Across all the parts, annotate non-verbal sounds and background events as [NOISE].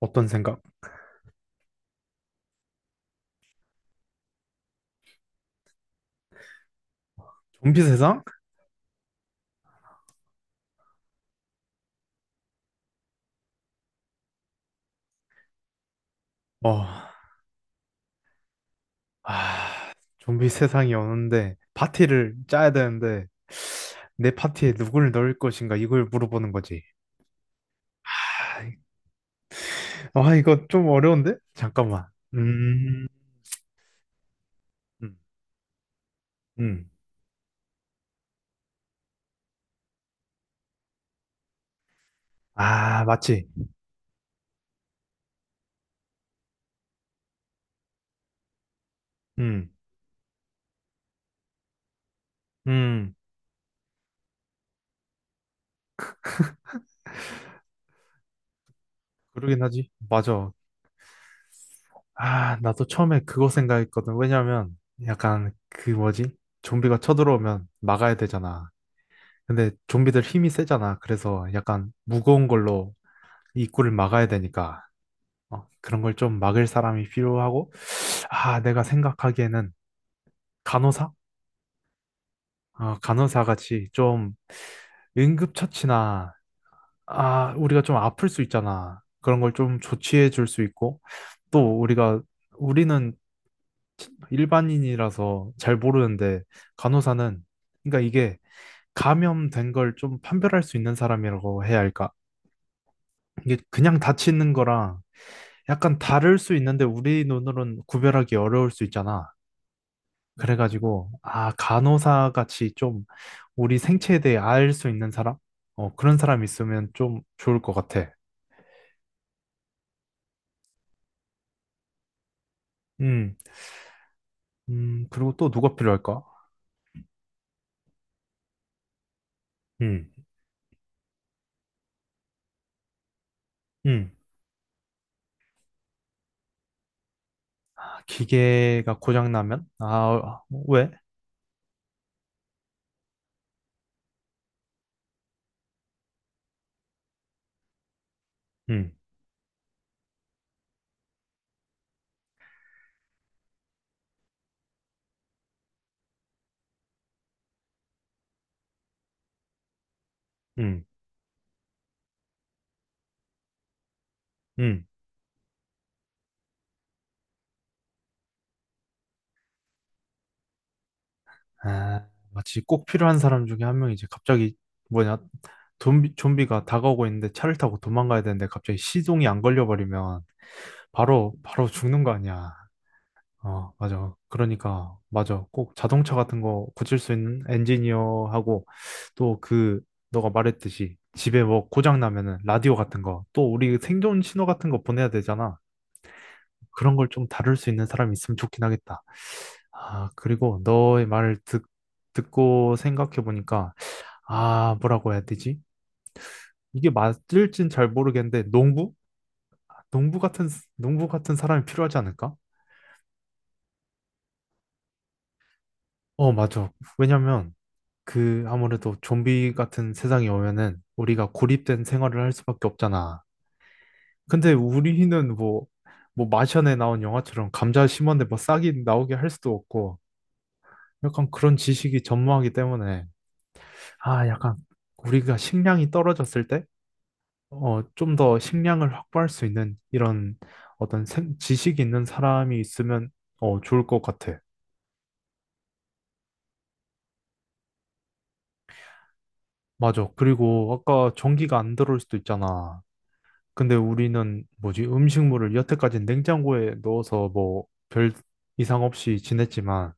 어떤 생각? 좀비 세상? 어, 아, 좀비 세상이 오는데 파티를 짜야 되는데 내 파티에 누굴 넣을 것인가 이걸 물어보는 거지. 아, 이거 좀 어려운데? 잠깐만. 음, 음, 음. 아, 맞지. 음, 음, 그러긴 하지. 맞아. 아, 나도 처음에 그거 생각했거든. 왜냐면 약간 그 뭐지? 좀비가 쳐들어오면 막아야 되잖아. 근데 좀비들 힘이 세잖아. 그래서 약간 무거운 걸로 입구를 막아야 되니까 그런 걸 좀 막을 사람이 필요하고 아 내가 생각하기에는 간호사. 아, 간호사 같이 좀 응급처치나 아 우리가 좀 아플 수 있잖아, 그런 걸 좀 조치해 줄 수 있고 또 우리가 우리는 일반인이라서 잘 모르는데 간호사는, 그러니까 이게 감염된 걸 좀 판별할 수 있는 사람이라고 해야 할까? 이게 그냥 다치는 거랑 약간 다를 수 있는데 우리 눈으로는 구별하기 어려울 수 있잖아. 그래가지고, 아, 간호사 같이 좀 우리 생체에 대해 알 수 있는 사람? 어, 그런 사람 있으면 좀 좋을 것 같아. 음, 그리고 또 누가 필요할까? 음, 음, 아, 기계가 고장나면? 왜? 음, 음, 음. 아, 마치 꼭 필요한 사람 중에 한 명이 이제 갑자기 뭐냐, 좀비가 다가오고 있는데 차를 타고 도망가야 되는데 갑자기 시동이 안 걸려버리면 바로 바로 죽는 거 아니야. 어, 맞아. 그러니까 맞아. 꼭 자동차 같은 거 고칠 수 있는 엔지니어하고, 또 그 너가 말했듯이 집에 뭐 고장 나면은 라디오 같은 거, 또 우리 생존 신호 같은 거 보내야 되잖아. 그런 걸 좀 다룰 수 있는 사람이 있으면 좋긴 하겠다. 아, 그리고 너의 말을 듣고 생각해보니까, 아, 뭐라고 해야 되지? 이게 맞을진 잘 모르겠는데, 농부? 농부 같은, 농부 같은 사람이 필요하지 않을까? 어, 맞아. 왜냐면, 그, 아무래도 좀비 같은 세상이 오면은, 우리가 고립된 생활을 할 수밖에 없잖아. 근데 우리는 뭐, 마션에 나온 영화처럼 감자 심었는데 뭐 싹이 나오게 할 수도 없고, 약간 그런 지식이 전무하기 때문에, 아, 약간, 우리가 식량이 떨어졌을 때, 좀 더 식량을 확보할 수 있는 이런 어떤 지식이 있는 사람이 있으면 좋을 것 같아. 맞아. 그리고 아까 전기가 안 들어올 수도 있잖아. 근데 우리는 뭐지? 음식물을 여태까지 냉장고에 넣어서 뭐 별 이상 없이 지냈지만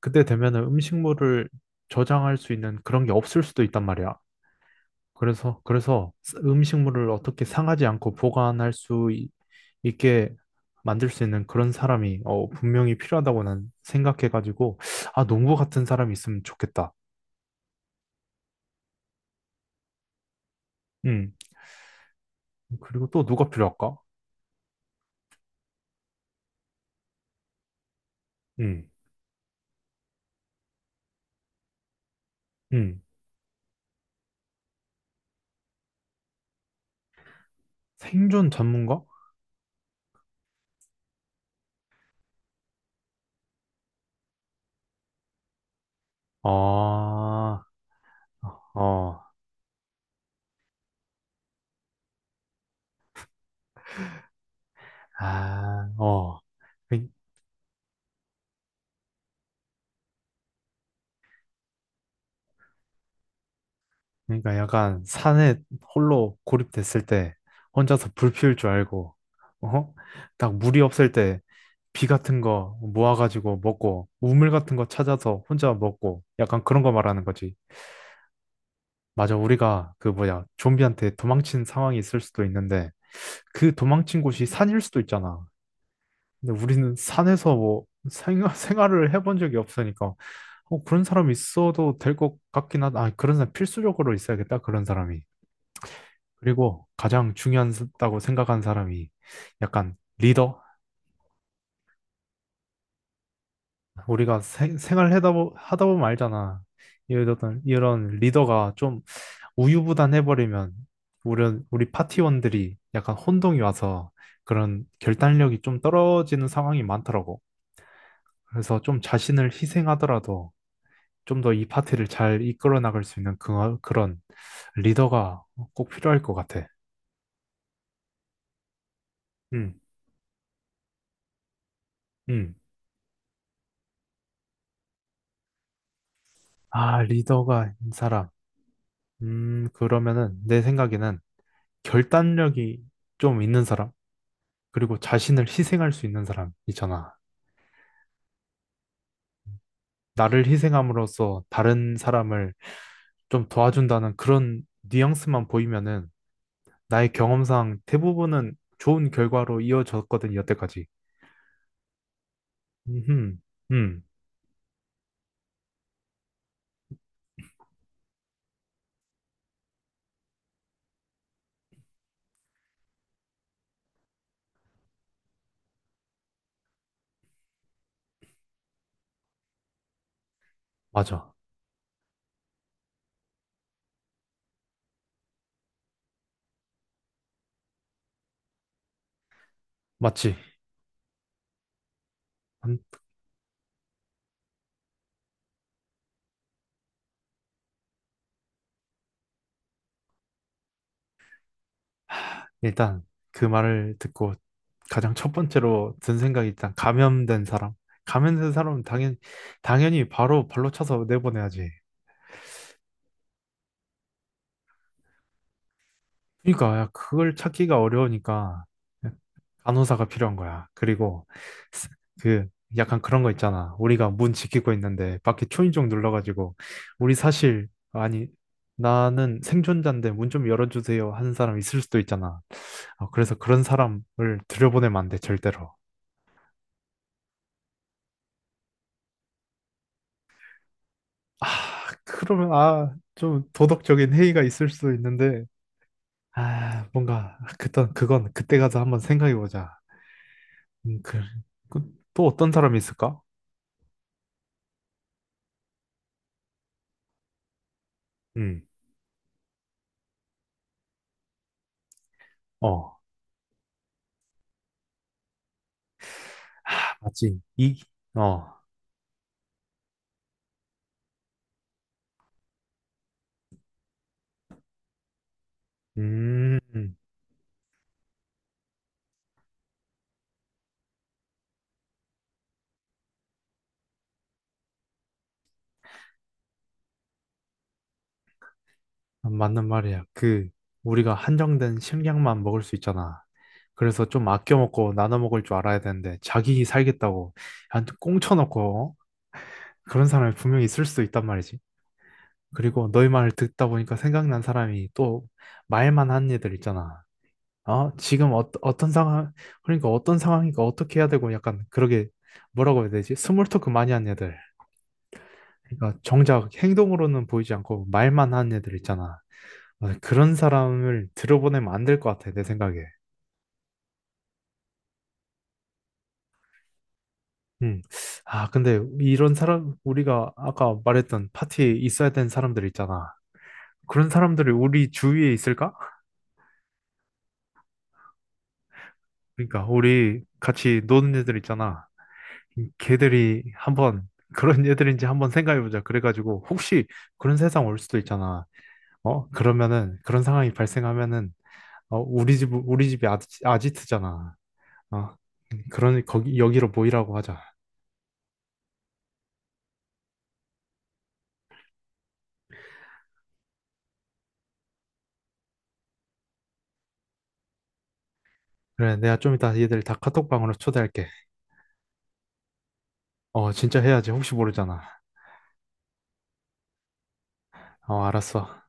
그때 되면은 음식물을 저장할 수 있는 그런 게 없을 수도 있단 말이야. 그래서 음식물을 어떻게 상하지 않고 보관할 수 있게 만들 수 있는 그런 사람이, 분명히 필요하다고 난 생각해가지고, 아, 농부 같은 사람이 있으면 좋겠다. 음. 그리고 또 누가 필요할까? 음. 음. 생존 전문가? 아, 어, 아, 어. 그러니까 약간 산에 홀로 고립됐을 때 혼자서 불 피울 줄 알고, 어? 딱 물이 없을 때 비 같은 거 모아가지고 먹고 우물 같은 거 찾아서 혼자 먹고, 약간 그런 거 말하는 거지. 맞아, 우리가 그 뭐야, 좀비한테 도망친 상황이 있을 수도 있는데 그 도망친 곳이 산일 수도 있잖아. 근데 우리는 산에서 뭐 생활, [LAUGHS] 생활을 해본 적이 없으니까 그런 사람이 있어도 될 것 같긴 하다. 아, 그런 사람 필수적으로 있어야겠다, 그런 사람이. 그리고 가장 중요하다고 생각하는 사람이 약간 리더? 우리가 생활하다 보, 하다 보면 알잖아. 이런 리더가 좀 우유부단해버리면 우리 파티원들이 약간 혼동이 와서 그런 결단력이 좀 떨어지는 상황이 많더라고. 그래서 좀 자신을 희생하더라도 좀 더 이 파티를 잘 이끌어 나갈 수 있는 그, 그런 리더가 꼭 필요할 것 같아. 음, 음. 아, 리더가 이 사람. 그러면은 내 생각에는 결단력이 좀 있는 사람, 그리고 자신을 희생할 수 있는 사람 있잖아. 나를 희생함으로써 다른 사람을 좀 도와준다는 그런 뉘앙스만 보이면은 나의 경험상 대부분은 좋은 결과로 이어졌거든, 여태까지. 음, 음, 맞아. 맞지. 음, 일단 그 말을 듣고 가장 첫 번째로 든 생각이 일단 감염된 사람. 감염된 사람은 당연히 바로 발로 차서 내보내야지. 그러니까 야, 그걸 찾기가 어려우니까 간호사가 필요한 거야. 그리고 스- 그 약간 그런 거 있잖아. 우리가 문 지키고 있는데 밖에 초인종 눌러가지고, 우리 사실 아니, 나는 생존자인데 문 좀 열어주세요 하는 사람 있을 수도 있잖아. 아, 그래서 그런 사람을 들여보내면 안 돼, 절대로. 아, 그러면, 아, 좀 도덕적인 해이가 있을 수도 있는데, 아, 뭔가 그땐 그건 그때 가서 한번 생각해 보자. 음, 그, 그, 또 어떤 사람이 있을까? 음, 어, 하, 맞지. 어, 음, 맞는 말이야. 그, 우리가 한정된 식량만 먹을 수 있잖아. 그래서 좀 아껴 먹고 나눠 먹을 줄 알아야 되는데, 자기 살겠다고, 한테 꽁쳐놓고, 어? 그런 사람이 분명히 있을 수도 있단 말이지. 그리고 너희 말을 듣다 보니까 생각난 사람이 또 말만 하는 애들 있잖아. 지금 어떤 상황, 그러니까 어떤 상황이니까 어떻게 해야 되고 약간 그러게, 뭐라고 해야 되지? 스몰 토크 많이 하는 애들. 그러니까 정작 행동으로는 보이지 않고 말만 하는 애들 있잖아. 아, 그런 사람을 들어보내면 안 될 것 같아, 내 생각에. 음. 아, 근데 이런 사람, 우리가 아까 말했던 파티에 있어야 되는 사람들 있잖아. 그런 사람들이 우리 주위에 있을까? 그러니까 우리 같이 노는 애들 있잖아. 걔들이 한번 그런 [LAUGHS] 애들인지 한번 생각해보자. 그래가지고 혹시 그런 세상 올 수도 있잖아. 어? 그러면은 그런 상황이 발생하면은 우리 집이 아지트잖아. 어 그러니 거기 여기로 모이라고 하자. 그래, 내가 좀 이따 얘들 다 카톡방으로 초대할게. 어, 진짜 해야지. 혹시 모르잖아. 어, 알았어.